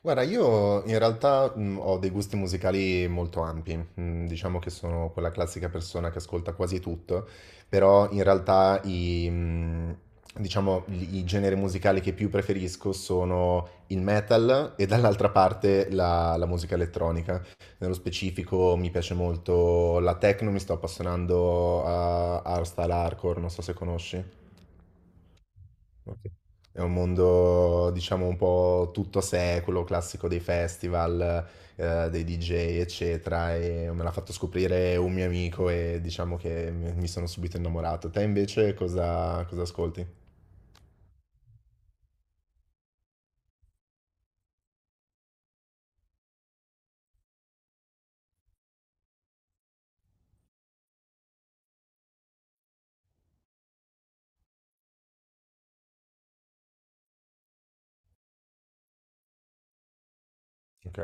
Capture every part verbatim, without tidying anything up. Guarda, io in realtà mh, ho dei gusti musicali molto ampi. Mm, diciamo che sono quella classica persona che ascolta quasi tutto, però in realtà i, mh, diciamo, i i generi musicali che più preferisco sono il metal e dall'altra parte la, la musica elettronica. Nello specifico mi piace molto la techno, mi sto appassionando a hardstyle hardcore, non so se conosci. Ok. È un mondo, diciamo, un po' tutto secolo, classico dei festival, eh, dei di J, eccetera, e me l'ha fatto scoprire un mio amico e diciamo che mi mi sono subito innamorato. Te invece cosa, cosa ascolti? Ok.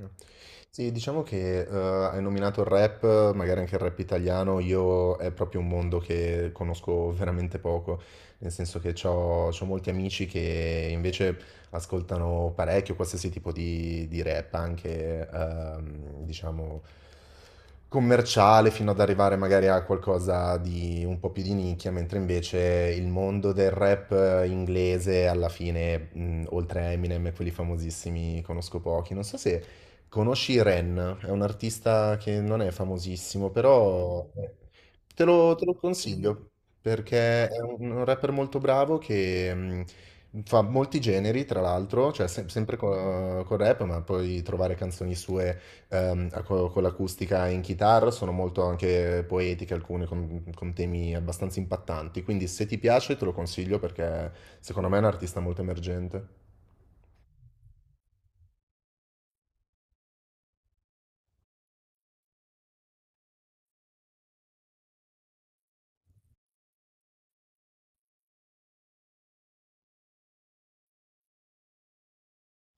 Mm. Sì, diciamo che eh, hai nominato il rap, magari anche il rap italiano, io è proprio un mondo che conosco veramente poco, nel senso che ho molti amici che invece ascoltano parecchio qualsiasi tipo di, di rap, anche ehm, diciamo commerciale, fino ad arrivare magari a qualcosa di un po' più di nicchia, mentre invece il mondo del rap eh, inglese alla fine, mh, oltre a Eminem e quelli famosissimi, conosco pochi. Non so se... Conosci Ren, è un artista che non è famosissimo, però eh, te lo, te lo consiglio perché è un rapper molto bravo che mh, fa molti generi, tra l'altro, cioè sem- sempre co- col rap, ma puoi trovare canzoni sue ehm, a co- con l'acustica in chitarra, sono molto anche poetiche, alcune con, con temi abbastanza impattanti, quindi se ti piace te lo consiglio perché secondo me è un artista molto emergente.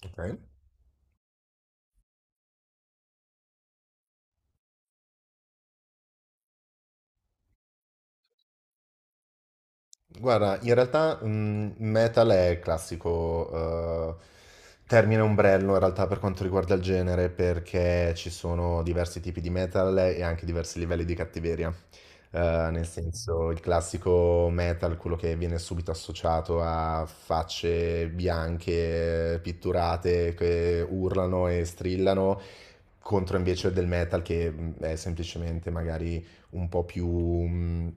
Ok? Guarda, in realtà mh, metal è il classico eh, termine ombrello in realtà per quanto riguarda il genere, perché ci sono diversi tipi di metal e anche diversi livelli di cattiveria. Eh, Nel senso, il classico metal, quello che viene subito associato a facce bianche, pitturate, che urlano e strillano, contro invece del metal che mh, è semplicemente magari un po' più, mh,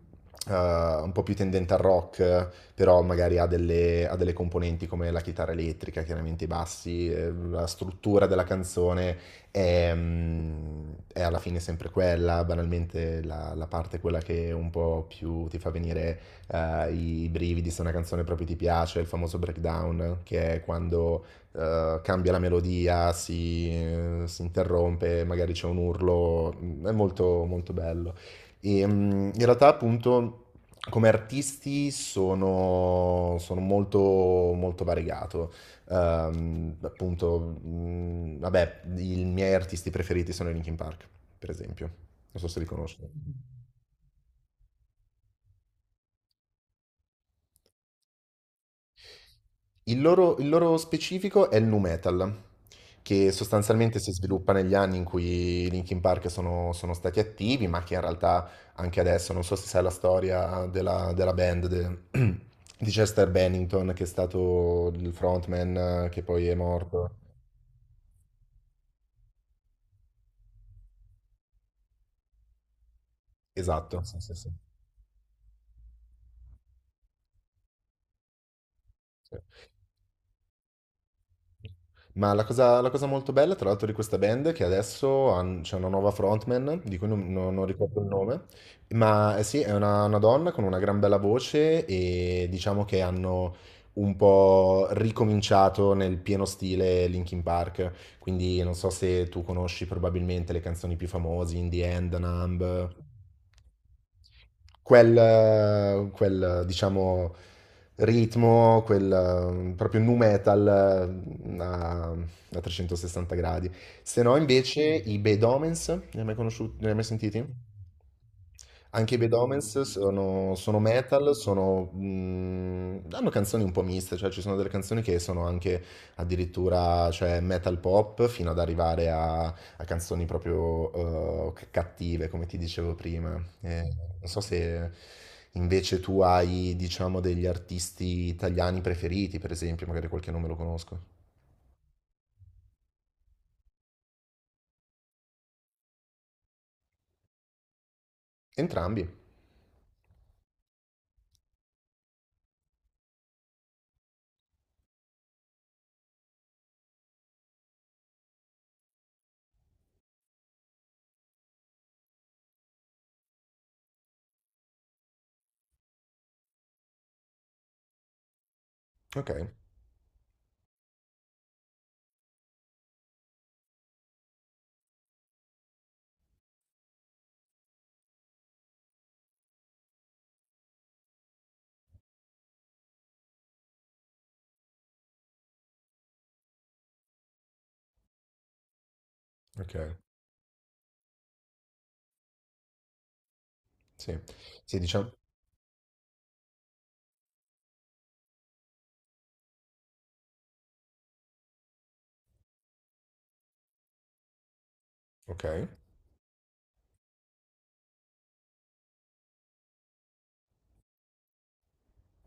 eh, un po' più tendente al rock, però magari ha delle, ha delle componenti come la chitarra elettrica, chiaramente i bassi, eh, la struttura della canzone è, mh, è alla fine sempre quella, banalmente la, la parte è quella che un po' più ti fa venire eh, i brividi se una canzone proprio ti piace, il famoso breakdown, che è quando eh, cambia la melodia, si, uh, si interrompe, magari c'è un urlo. Mm, è molto, molto bello. E, mm, in realtà, appunto, come artisti sono, sono molto, molto variegato. Ehm, appunto, mm, vabbè, i miei artisti preferiti sono i Linkin Park, per esempio. Non so se li conosco. Il loro, il loro specifico è il nu metal, che sostanzialmente si sviluppa negli anni in cui i Linkin Park sono, sono stati attivi, ma che in realtà anche adesso, non so se sai la storia della, della band de- di Chester Bennington, che è stato il frontman eh, che poi è morto. Esatto, sì, sì, sì. Sì. Ma la cosa, la cosa molto bella, tra l'altro, di questa band è che adesso han- c'è una nuova frontman, di cui non, non- non ricordo il nome, ma eh sì, è una, una donna con una gran bella voce e diciamo che hanno un po' ricominciato nel pieno stile Linkin Park, quindi non so se tu conosci probabilmente le canzoni più famose, In the End, Numb, quel, eh, quel, diciamo, ritmo, quel eh, proprio nu metal eh, a, a trecentosessanta gradi. Se no, invece, i Bad Omens, ne hai mai conosciuti, ne hai mai sentiti? Anche i Bad Omens sono, sono metal. Sono, mm, hanno canzoni un po' miste, cioè ci sono delle canzoni che sono anche addirittura cioè, metal pop fino ad arrivare a, a canzoni proprio eh, c- cattive, come ti dicevo prima. Eh, Non so se invece tu hai, diciamo, degli artisti italiani preferiti, per esempio, magari qualche nome lo conosco. Entrambi. Ok, ok, sì. Sì, diciamo. Ok,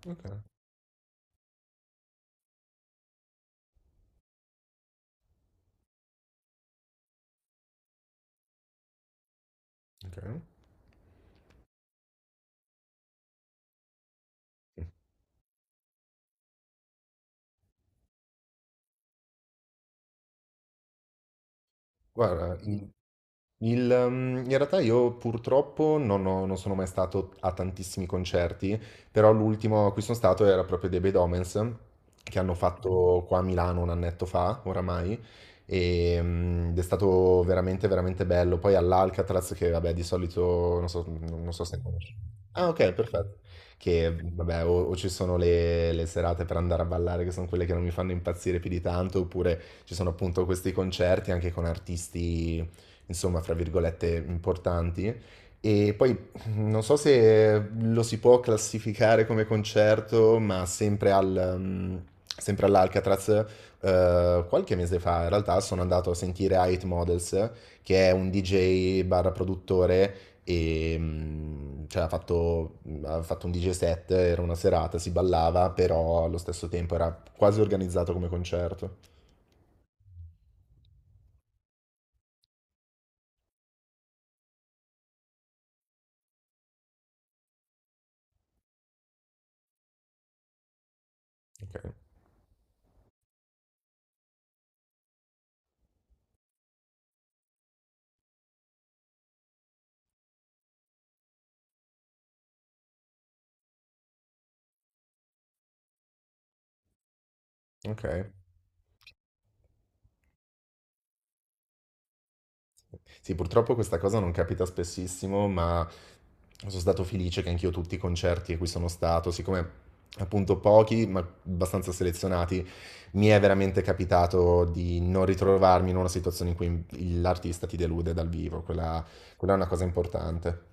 ok, ok. Guarda, i- Il, ehm, in realtà io purtroppo non, ho- non sono mai stato a tantissimi concerti, però l'ultimo a cui sono stato era proprio dei Bad Omens, che hanno fatto qua a Milano un annetto fa, oramai, e, ehm, ed è stato veramente, veramente bello. Poi all'Alcatraz, che vabbè di solito, non so, non so se conosci. Ah ok, perfetto. Che mm, vabbè, o, o ci sono le, le serate per andare a ballare, che sono quelle che non mi fanno impazzire più di tanto, oppure ci sono appunto questi concerti anche con artisti insomma, fra virgolette, importanti. E poi non so se lo si può classificare come concerto, ma sempre al, mm, sempre all'Alcatraz, eh, qualche mese fa in realtà sono andato a sentire Height Models, che è un di J barra produttore e mm, cioè, ha fatto, ha fatto un di J set, era una serata, si ballava, però allo stesso tempo era quasi organizzato come concerto. Ok, ok. Sì, purtroppo questa cosa non capita spessissimo, ma sono stato felice che anch'io tutti i concerti a cui sono stato, siccome appunto pochi, ma abbastanza selezionati, mi è veramente capitato di non ritrovarmi in una situazione in cui l'artista ti delude dal vivo, quella, quella è una cosa importante.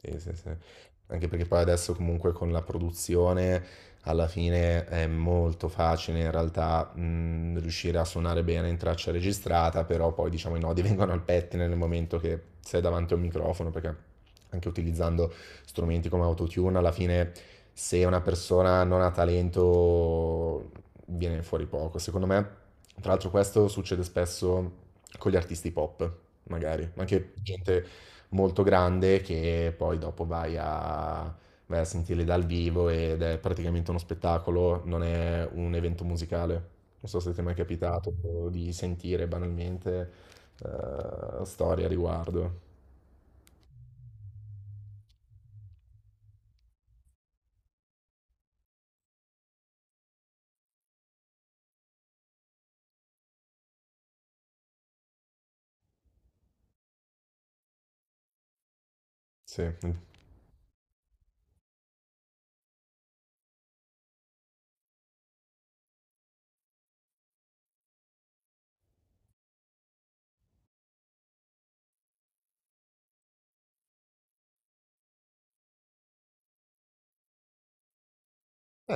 Sì, sì, sì. Anche perché poi adesso comunque con la produzione alla fine è molto facile in realtà mh, riuscire a suonare bene in traccia registrata, però poi diciamo i nodi vengono al pettine nel momento che sei davanti a un microfono, perché anche utilizzando strumenti come Autotune, alla fine se una persona non ha talento viene fuori poco. Secondo me, tra l'altro questo succede spesso con gli artisti pop, magari, ma anche gente molto grande che poi dopo vai a, vai a sentire dal vivo ed è praticamente uno spettacolo, non è un evento musicale. Non so se ti è mai capitato di sentire banalmente eh, storie a riguardo. Sì, eh,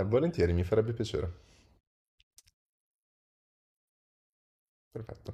volentieri, mi farebbe piacere. Perfetto.